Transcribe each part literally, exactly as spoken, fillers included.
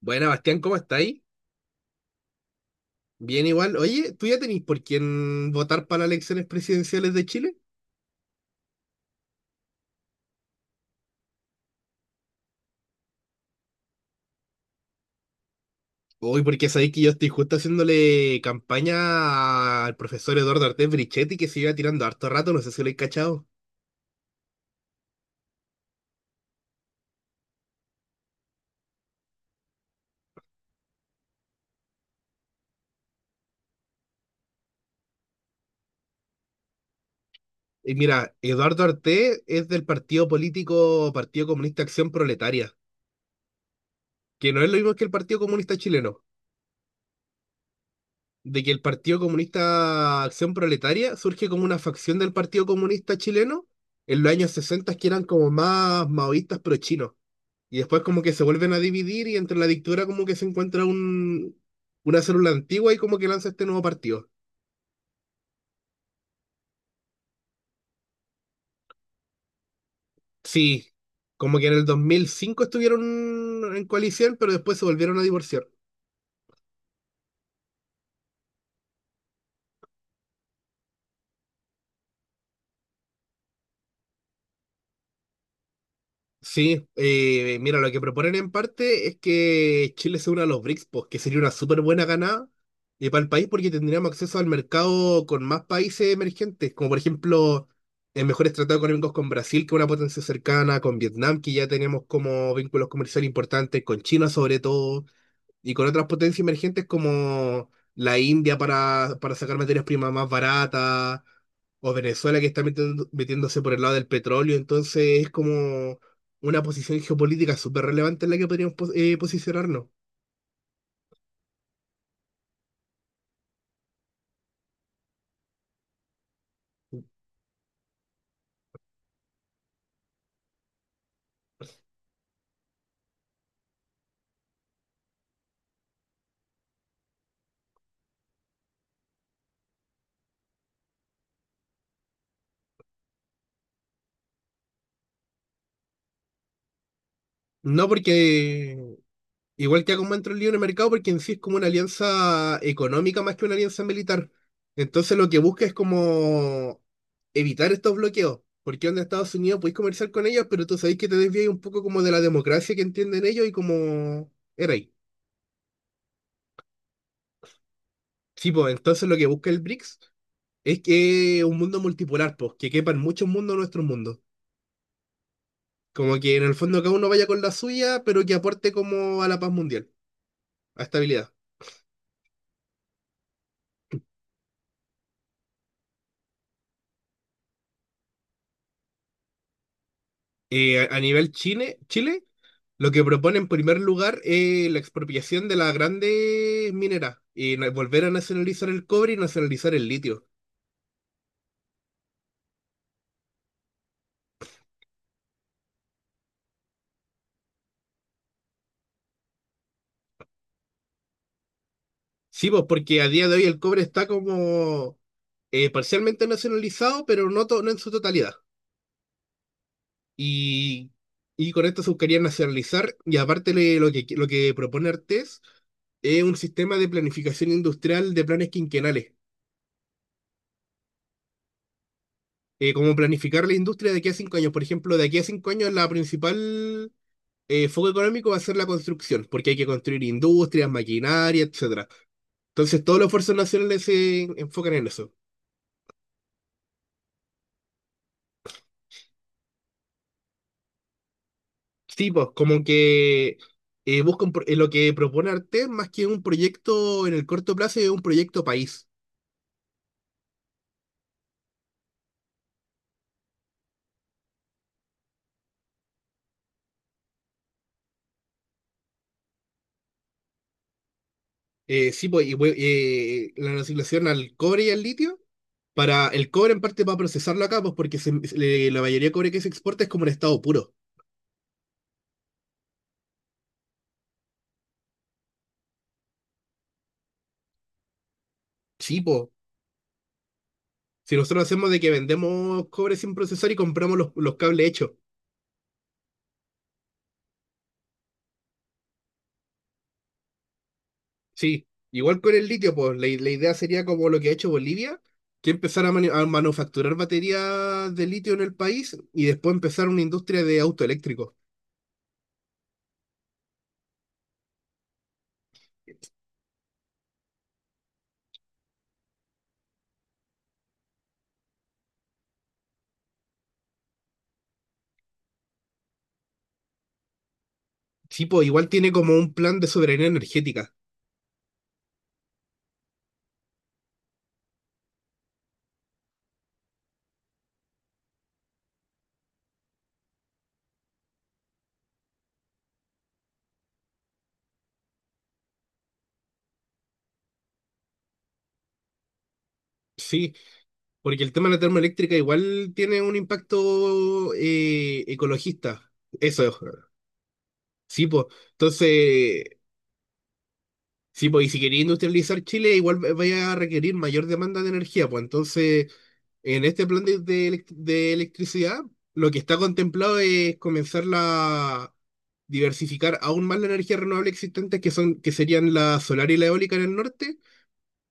Buena, Bastián, ¿cómo estáis? Bien igual. Oye, ¿tú ya tenéis por quién votar para las elecciones presidenciales de Chile? Uy, porque sabéis que yo estoy justo haciéndole campaña al profesor Eduardo Artés Brichetti, que se iba tirando harto rato, no sé si lo he cachado. Y mira, Eduardo Artés es del partido político Partido Comunista Acción Proletaria, que no es lo mismo que el Partido Comunista Chileno. De que el Partido Comunista Acción Proletaria surge como una facción del Partido Comunista Chileno en los años sesenta que eran como más maoístas pro chinos. Y después como que se vuelven a dividir y entre la dictadura como que se encuentra un, una célula antigua y como que lanza este nuevo partido. Sí, como que en el dos mil cinco estuvieron en coalición, pero después se volvieron a divorciar. Sí, eh, mira, lo que proponen en parte es que Chile se una a los BRICS, pues, que sería una súper buena ganada eh, para el país porque tendríamos acceso al mercado con más países emergentes, como por ejemplo eh, mejores tratados económicos con Brasil, que es una potencia cercana, con Vietnam, que ya tenemos como vínculos comerciales importantes, con China sobre todo. Y con otras potencias emergentes como la India para, para sacar materias primas más baratas, o Venezuela que está metiendo- metiéndose por el lado del petróleo. Entonces es como una posición geopolítica súper relevante en la que podríamos pos- eh, posicionarnos. No porque igual que haga un el lío en el mercado, porque en sí es como una alianza económica más que una alianza militar. Entonces lo que busca es como evitar estos bloqueos. Porque en Estados Unidos podéis comerciar con ellos, pero tú sabéis que te desvías un poco como de la democracia que entienden ellos y como era ahí. Sí, pues entonces lo que busca el BRICS es que un mundo multipolar, pues, que quepan muchos mundos en nuestro mundo. Como que en el fondo cada uno vaya con la suya, pero que aporte como a la paz mundial, a estabilidad. Eh, a a nivel Chile, Chile. Lo que propone en primer lugar es la expropiación de las grandes mineras y na- volver a nacionalizar el cobre y nacionalizar el litio. Sí, pues porque a día de hoy el cobre está como eh, parcialmente nacionalizado, pero no, to- no en su totalidad. Y, y con esto se buscaría nacionalizar y aparte le- lo que, lo que propone Artés es un sistema de planificación industrial de planes quinquenales. Eh, como planificar la industria de aquí a cinco años. Por ejemplo, de aquí a cinco años la principal eh, foco económico va a ser la construcción, porque hay que construir industrias, maquinaria, etcétera. Entonces, todos los esfuerzos nacionales se enfocan en eso. Sí, pues, como que eh, buscan pro- eh, lo que propone Arte, más que un proyecto en el corto plazo, es un proyecto país. Eh, sí, pues, y, we- eh, la asignación al cobre y al litio, para el cobre en parte para procesarlo acá, pues, porque se- se- le- la mayoría de cobre que se exporta es como en estado puro. Sí, pues, si nosotros hacemos de que vendemos cobre sin procesar y compramos los, los cables hechos. Sí, igual con el litio, pues la, la idea sería como lo que ha hecho Bolivia, que empezar a, manu a manufacturar baterías de litio en el país y después empezar una industria de autoeléctricos. Sí, pues igual tiene como un plan de soberanía energética. Sí, porque el tema de la termoeléctrica igual tiene un impacto eh, ecologista. Eso es. Sí, pues. Entonces, sí, pues, y si quería industrializar Chile, igual va- vaya a requerir mayor demanda de energía, pues entonces en este plan de, de elec- de electricidad, lo que está contemplado es comenzar a diversificar aún más la energía renovable existente, que son, que serían la solar y la eólica en el norte,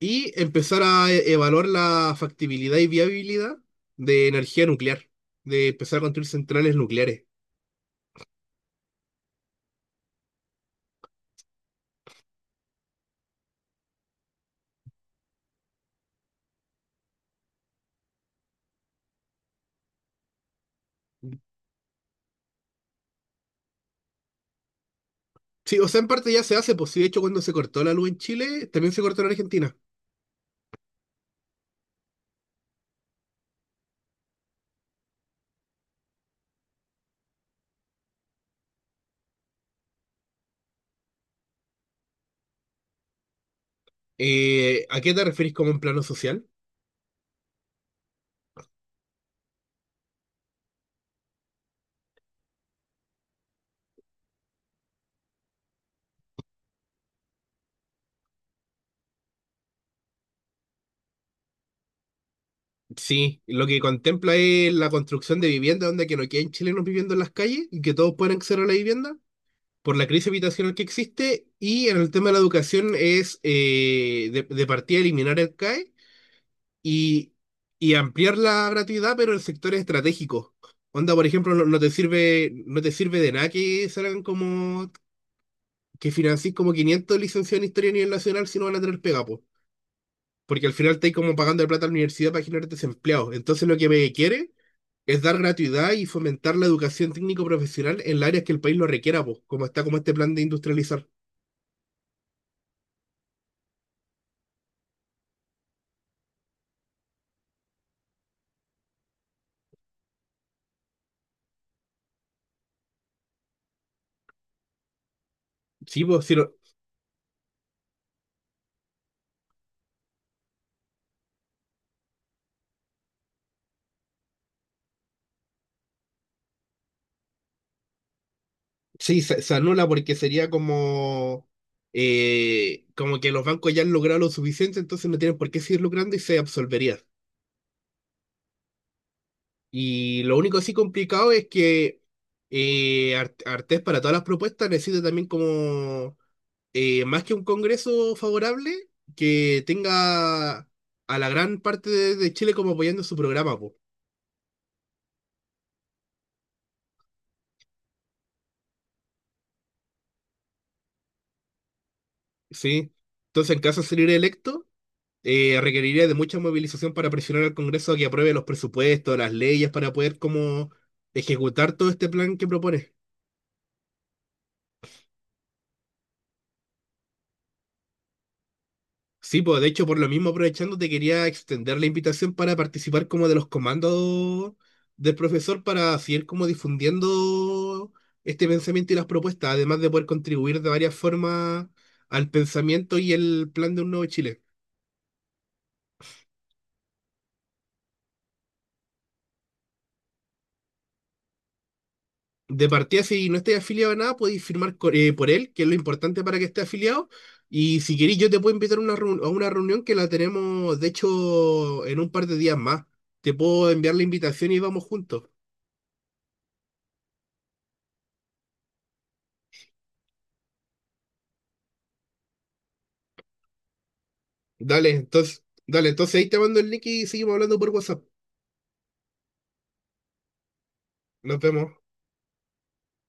y empezar a e- evaluar la factibilidad y viabilidad de energía nuclear, de empezar a construir centrales nucleares. Sí, o sea, en parte ya se hace, pues sí, de hecho, cuando se cortó la luz en Chile, también se cortó en Argentina. Eh, ¿a qué te referís como en plano social? Sí, lo que contempla es la construcción de viviendas donde que no queden chilenos viviendo en las calles y que todos puedan acceder a la vivienda por la crisis habitacional que existe y en el tema de la educación es eh, de, de partida eliminar el CAE y, y ampliar la gratuidad pero en sectores estratégicos. Onda, por ejemplo, no, no te sirve, no te sirve de nada que salgan como que financís como quinientos licenciados en historia a nivel nacional si no van a tener pega, po. Porque al final estáis como pagando plata a la universidad para generar desempleados. Entonces lo que me quiere es dar gratuidad y fomentar la educación técnico-profesional en las áreas que el país lo requiera, pues, como está como este plan de industrializar. Sí, pues, sí, lo- sí, se, se anula porque sería como, eh, como que los bancos ya han logrado lo suficiente, entonces no tienen por qué seguir lucrando y se absolvería. Y lo único así complicado es que eh, Ar- Artés para todas las propuestas necesita también como, eh, más que un congreso favorable, que tenga a la gran parte de, de Chile como apoyando su programa, pues. Sí. Entonces, en caso de salir electo, eh, requeriría de mucha movilización para presionar al Congreso a que apruebe los presupuestos, las leyes, para poder como ejecutar todo este plan que propone. Sí, pues de hecho, por lo mismo aprovechando, te quería extender la invitación para participar como de los comandos del profesor para seguir como difundiendo este pensamiento y las propuestas, además de poder contribuir de varias formas al pensamiento y el plan de un nuevo Chile. De partida, si no estáis afiliado a nada, podéis firmar co- eh, por él, que es lo importante para que esté afiliado. Y si queréis, yo te puedo invitar a una, reun- a una reunión que la tenemos, de hecho, en un par de días más. Te puedo enviar la invitación y vamos juntos. Dale, entonces, dale, entonces ahí te mando el link y seguimos hablando por WhatsApp. Nos vemos.